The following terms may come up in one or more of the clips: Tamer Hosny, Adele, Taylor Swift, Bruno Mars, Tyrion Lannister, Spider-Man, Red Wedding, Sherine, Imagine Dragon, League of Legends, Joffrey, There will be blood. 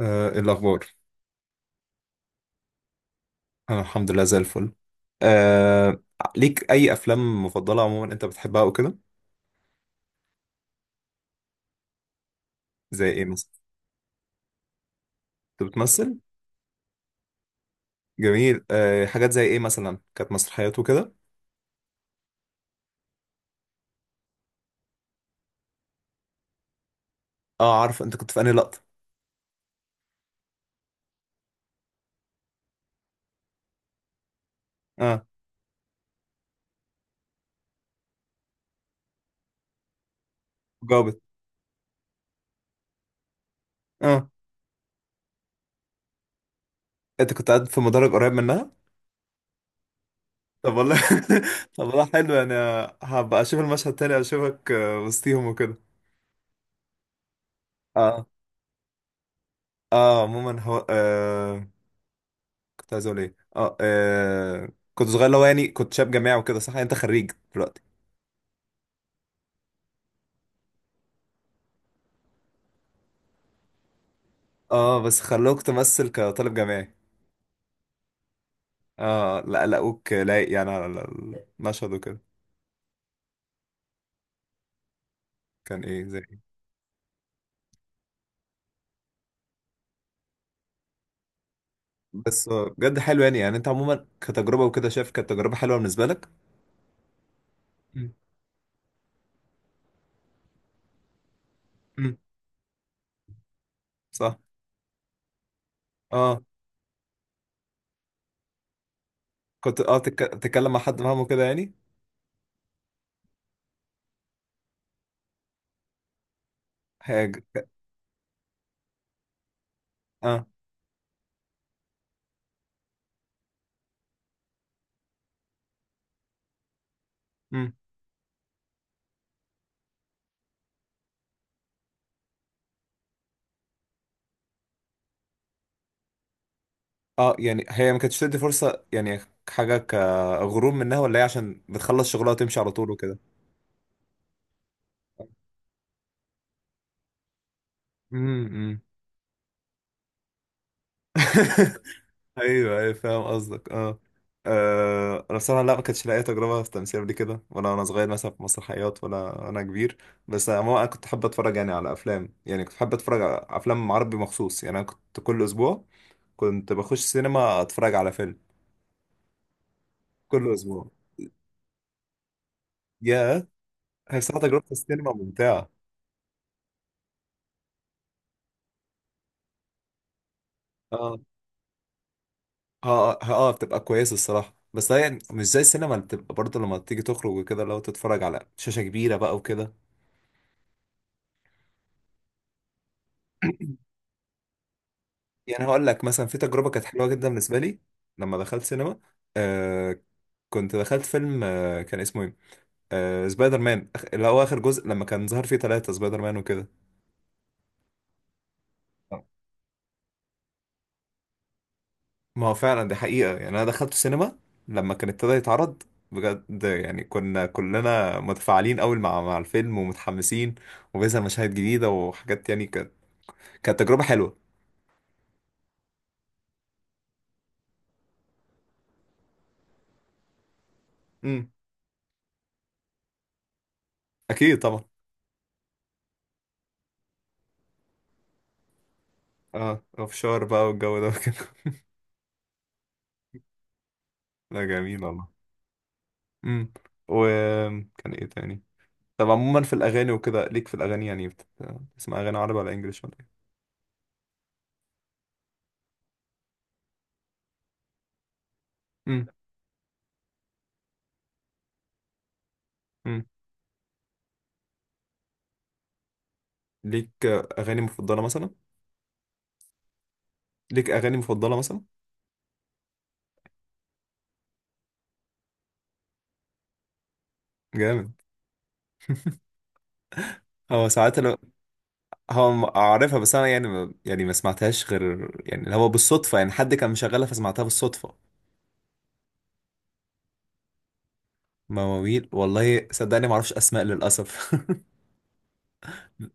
إيه الأخبار؟ أنا الحمد لله زي الفل. آه، ليك أي أفلام مفضلة عموما أنت بتحبها وكده؟ زي إيه مثلا؟ أنت بتمثل؟ جميل. حاجات زي إيه مثلا؟ كانت مسرحيات وكده؟ أه، عارف. أنت كنت في أنهي لقطة؟ أه، جاوبت. أه، أنت كنت قاعد في مدرج قريب منها؟ طب والله. طب والله، حلو يعني. هبقى أشوف المشهد تاني، أشوفك وسطيهم وكده. أه. أه، عموما هو، كنت عايز أقول إيه؟ أه آه، كنت صغير اللي هو يعني كنت شاب جامعي وكده، صح؟ يعني أنت خريج دلوقتي. اه، بس خلوك تمثل كطالب جامعي. اه لا، لقوك لايق يعني على المشهد وكده. كان ايه؟ زي إيه. بس بجد حلو يعني انت عموما كتجربة وكده شايف كانت تجربة حلوة بالنسبة لك. مم. مم. صح. اه كنت اه تتكلم مع حد فاهمه كده يعني. هي اه. مم. اه يعني هي ما كانتش تدي فرصة يعني، حاجة كغرور منها ولا هي عشان بتخلص شغلها وتمشي على طول وكده. امم. ايوه ايوه، فاهم قصدك اه. انا بصراحه لا، ما كانتش لاقي تجربه في التمثيل قبل كده، ولا وانا صغير مثلا في مسرحيات، ولا انا كبير. بس عموما انا كنت حابب اتفرج يعني على افلام، يعني كنت حابب اتفرج على افلام عربي مخصوص، يعني انا كنت كل اسبوع كنت بخش سينما اتفرج على فيلم كل اسبوع. يا. هي بصراحه تجربه السينما ممتعه. اه اه اه. بتبقى كويسه الصراحه، بس هي مش زي السينما اللي بتبقى برضه لما تيجي تخرج وكده، لو تتفرج على شاشه كبيره بقى وكده. يعني هقول لك مثلا في تجربة كانت حلوة جدا بالنسبة لي لما دخلت سينما، آه كنت دخلت فيلم، آه كان اسمه ايه، آه سبايدر مان اللي هو آخر جزء لما كان ظهر فيه ثلاثة سبايدر مان وكده. ما هو فعلا دي حقيقة، يعني أنا دخلت السينما لما كان ابتدى يتعرض، بجد يعني كنا كلنا متفاعلين أوي مع الفيلم ومتحمسين، وبيظهر مشاهد جديدة وحاجات يعني، كانت تجربة حلوة. امم. أكيد طبعا. اه، اوف شور بقى والجو ده وكده. لا جميل والله. امم. وكان ايه تاني؟ طب عموما في الاغاني وكده، ليك في الاغاني يعني بتسمع اغاني عربي ولا انجليش ولا ايه؟ امم. امم. ليك اغاني مفضله مثلا؟ ليك اغاني مفضله مثلا؟ جامد. هو ساعات انا، هو اعرفها، بس انا يعني يعني ما سمعتهاش غير يعني اللي هو بالصدفه، يعني حد كان مشغلها فسمعتها بالصدفه. مواويل والله صدقني ما اعرفش اسماء للاسف.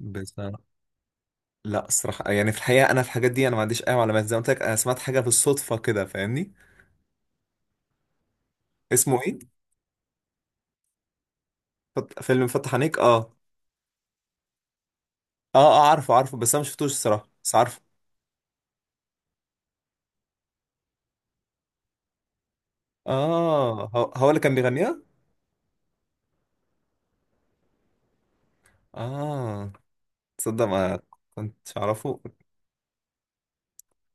بس لا الصراحه، يعني في الحقيقه انا في الحاجات دي انا ما عنديش اي معلومات، زي ما قلت لك انا سمعت حاجه بالصدفه كده فاهمني. اسمه ايه؟ فيلم فتح عينيك، اه. اه اه، عارفه عارفه، بس انا ما شفتوش الصراحه، بس عارفه. اه، هو اللي كان بيغنيها. اه. تصدق ما كنتش اعرفه.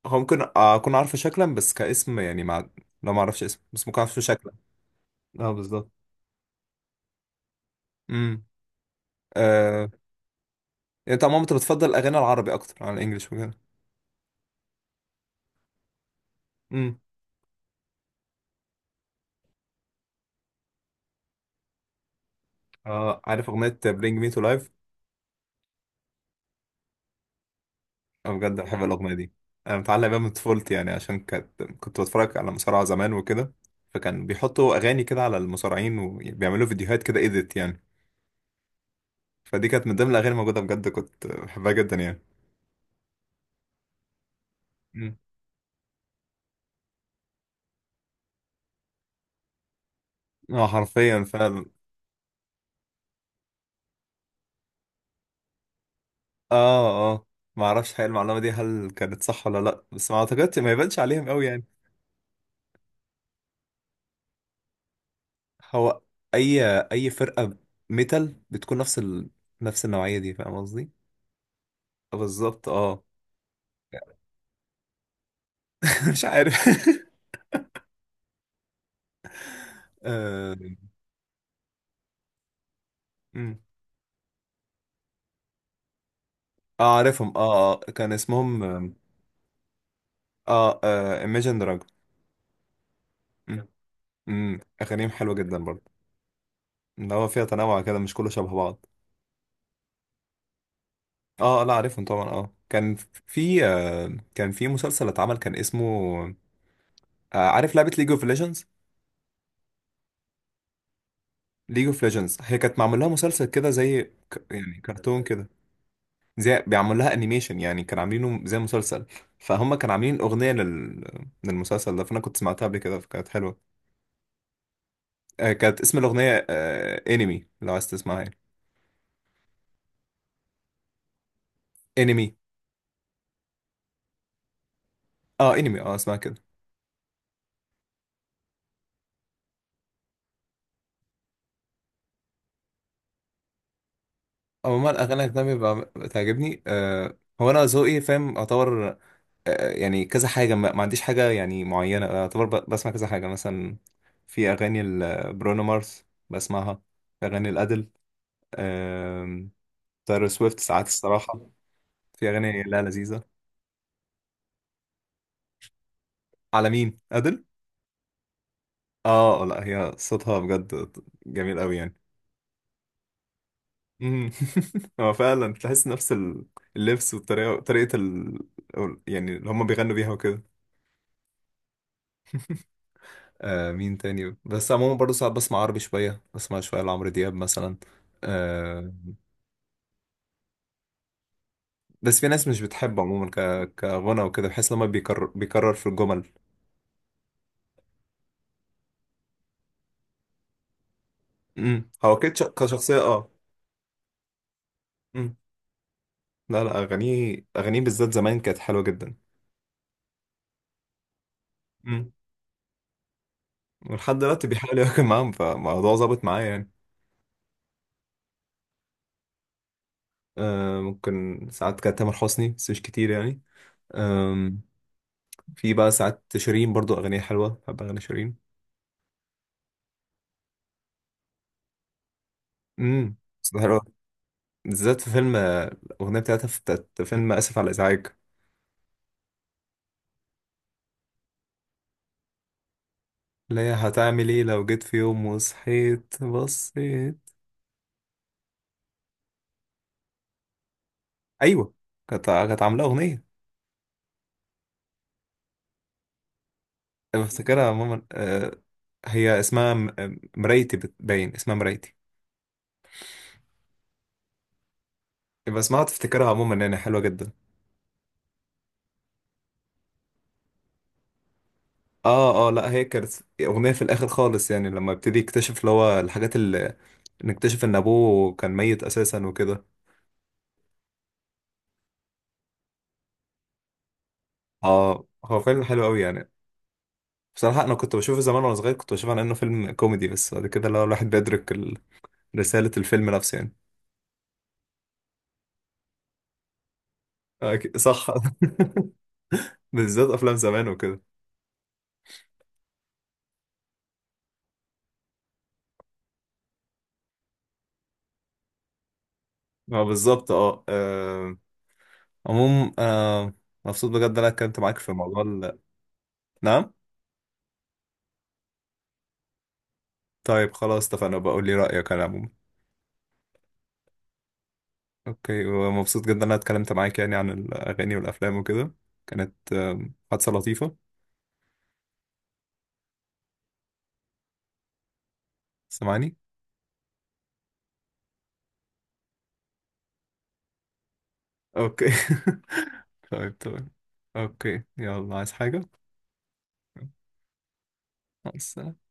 هو ممكن اكون عارفه شكلا بس كاسم يعني، مع، لو ما اعرفش اسمه بس ممكن اعرفه شكلا. اه بالظبط. امم. آه. يعني انت عموما انت بتفضل الاغاني العربي اكتر عن الانجليش وكده. امم. اه، عارف اغنيه برينج مي تو لايف؟ انا بجد بحب الاغنيه دي. انا متعلق بيها من طفولتي، يعني عشان كانت كنت بتفرج على مصارعه زمان وكده، فكان بيحطوا اغاني كده على المصارعين وبيعملوا فيديوهات كده ايديت يعني. فدي كانت من ضمن الاغاني الموجوده، بجد كنت بحبها جدا يعني. مم. اه حرفيا فعلا. اه اه، ما اعرفش حقيقة المعلومه دي هل كانت صح ولا لا، بس ما اعتقدش، ما يبانش عليهم قوي يعني. هو اي اي فرقه ميتال بتكون نفس ال... نفس النوعيه دي، فاهم قصدي؟ بالظبط اه. مش عارف. آه. أمم. عارفهم اه، كان اسمهم اه، Imagine Dragon. أمم. أمم. اغانيهم حلوه جدا برضه، اللي هو فيها تنوع كده مش كله شبه بعض. اه لا عارفهم طبعا اه، كان في كان في مسلسل اتعمل كان اسمه عارف لعبة ليج اوف ليجندز؟ ليج اوف ليجندز هي كانت معمول لها مسلسل كده، زي يعني كرتون كده، زي بيعمل لها انيميشن يعني كان عاملينه زي مسلسل. فهم كانوا عاملين اغنية لل... للمسلسل ده، فانا كنت سمعتها قبل كده فكانت حلوة. كانت اسم الاغنية انمي، لو عايز تسمعها يعني. انمي. اه انمي، اه اسمها كده. عموما الاغاني الاجنبي بتعجبني. هو انا ذوقي فاهم اعتبر يعني كذا حاجة، ما عنديش حاجة يعني معينة أعتبر بسمع كذا حاجة. مثلا في أغاني برونو مارس بسمعها. في أغاني الأدل. آم. تايلور سويفت ساعات الصراحة. في أغاني لا لذيذة. على مين أدل؟ آه لا، هي صوتها بجد جميل أوي يعني. مم. هو فعلا تحس نفس ال-، اللبس والطريقة، طريقة ال... يعني اللي هما بيغنوا بيها وكده. آه، مين تاني؟ بس عموما برضه ساعات بسمع عربي شوية، بسمع شوية لعمرو دياب مثلا. آه، بس في ناس مش بتحبه عموما، ك... كغنى وكده، بحس لما بيكرر بيكرر في الجمل. امم، هو كده كشخصية اه. امم. لا لا، أغانيه أغانيه بالذات زمان كانت حلوة جدا. امم. ولحد دلوقتي بيحاول يواكب معاهم، فالموضوع ظابط معايا يعني. آه، ممكن ساعات كانت تامر حسني، بس مش كتير يعني. آم. في بقى ساعات شيرين برضو أغانيها حلوة، بحب أغاني شيرين. امم. بس حلوة بالذات في فيلم الأغنية بتاعتها في بتاعت فيلم آسف على الإزعاج، اللي هي هتعمل ايه لو جيت في يوم وصحيت بصيت. ايوه. كانت عامله اغنيه، أنا بفتكرها ماما، هي اسمها مرايتي بتبين، اسمها مرايتي. يبقى اسمها تفتكرها عموما، يعني حلوه جدا. اه اه لا، هي كانت اغنيه في الاخر خالص، يعني لما ابتدي يكتشف اللي هو الحاجات اللي نكتشف ان ابوه كان ميت اساسا وكده. اه هو فيلم حلو قوي يعني. بصراحه انا كنت بشوفه زمان وانا صغير، كنت بشوفه على انه فيلم كوميدي، بس بعد كده اللي هو الواحد بيدرك ال- رساله الفيلم نفسه يعني. صح. بالذات افلام زمان وكده. ما بالظبط اه. آه، عموم آه مبسوط بجد إن انا اتكلمت معاك في موضوع ال... نعم. طيب خلاص اتفقنا، بقول لي رأيك انا عموما. اوكي، ومبسوط جدا ان انا اتكلمت معاك يعني عن الاغاني والافلام وكده. كانت حادثة لطيفة، سامعني. اوكي. طيب طيب. اوكي يلا، عايز حاجة؟ مع السلامة.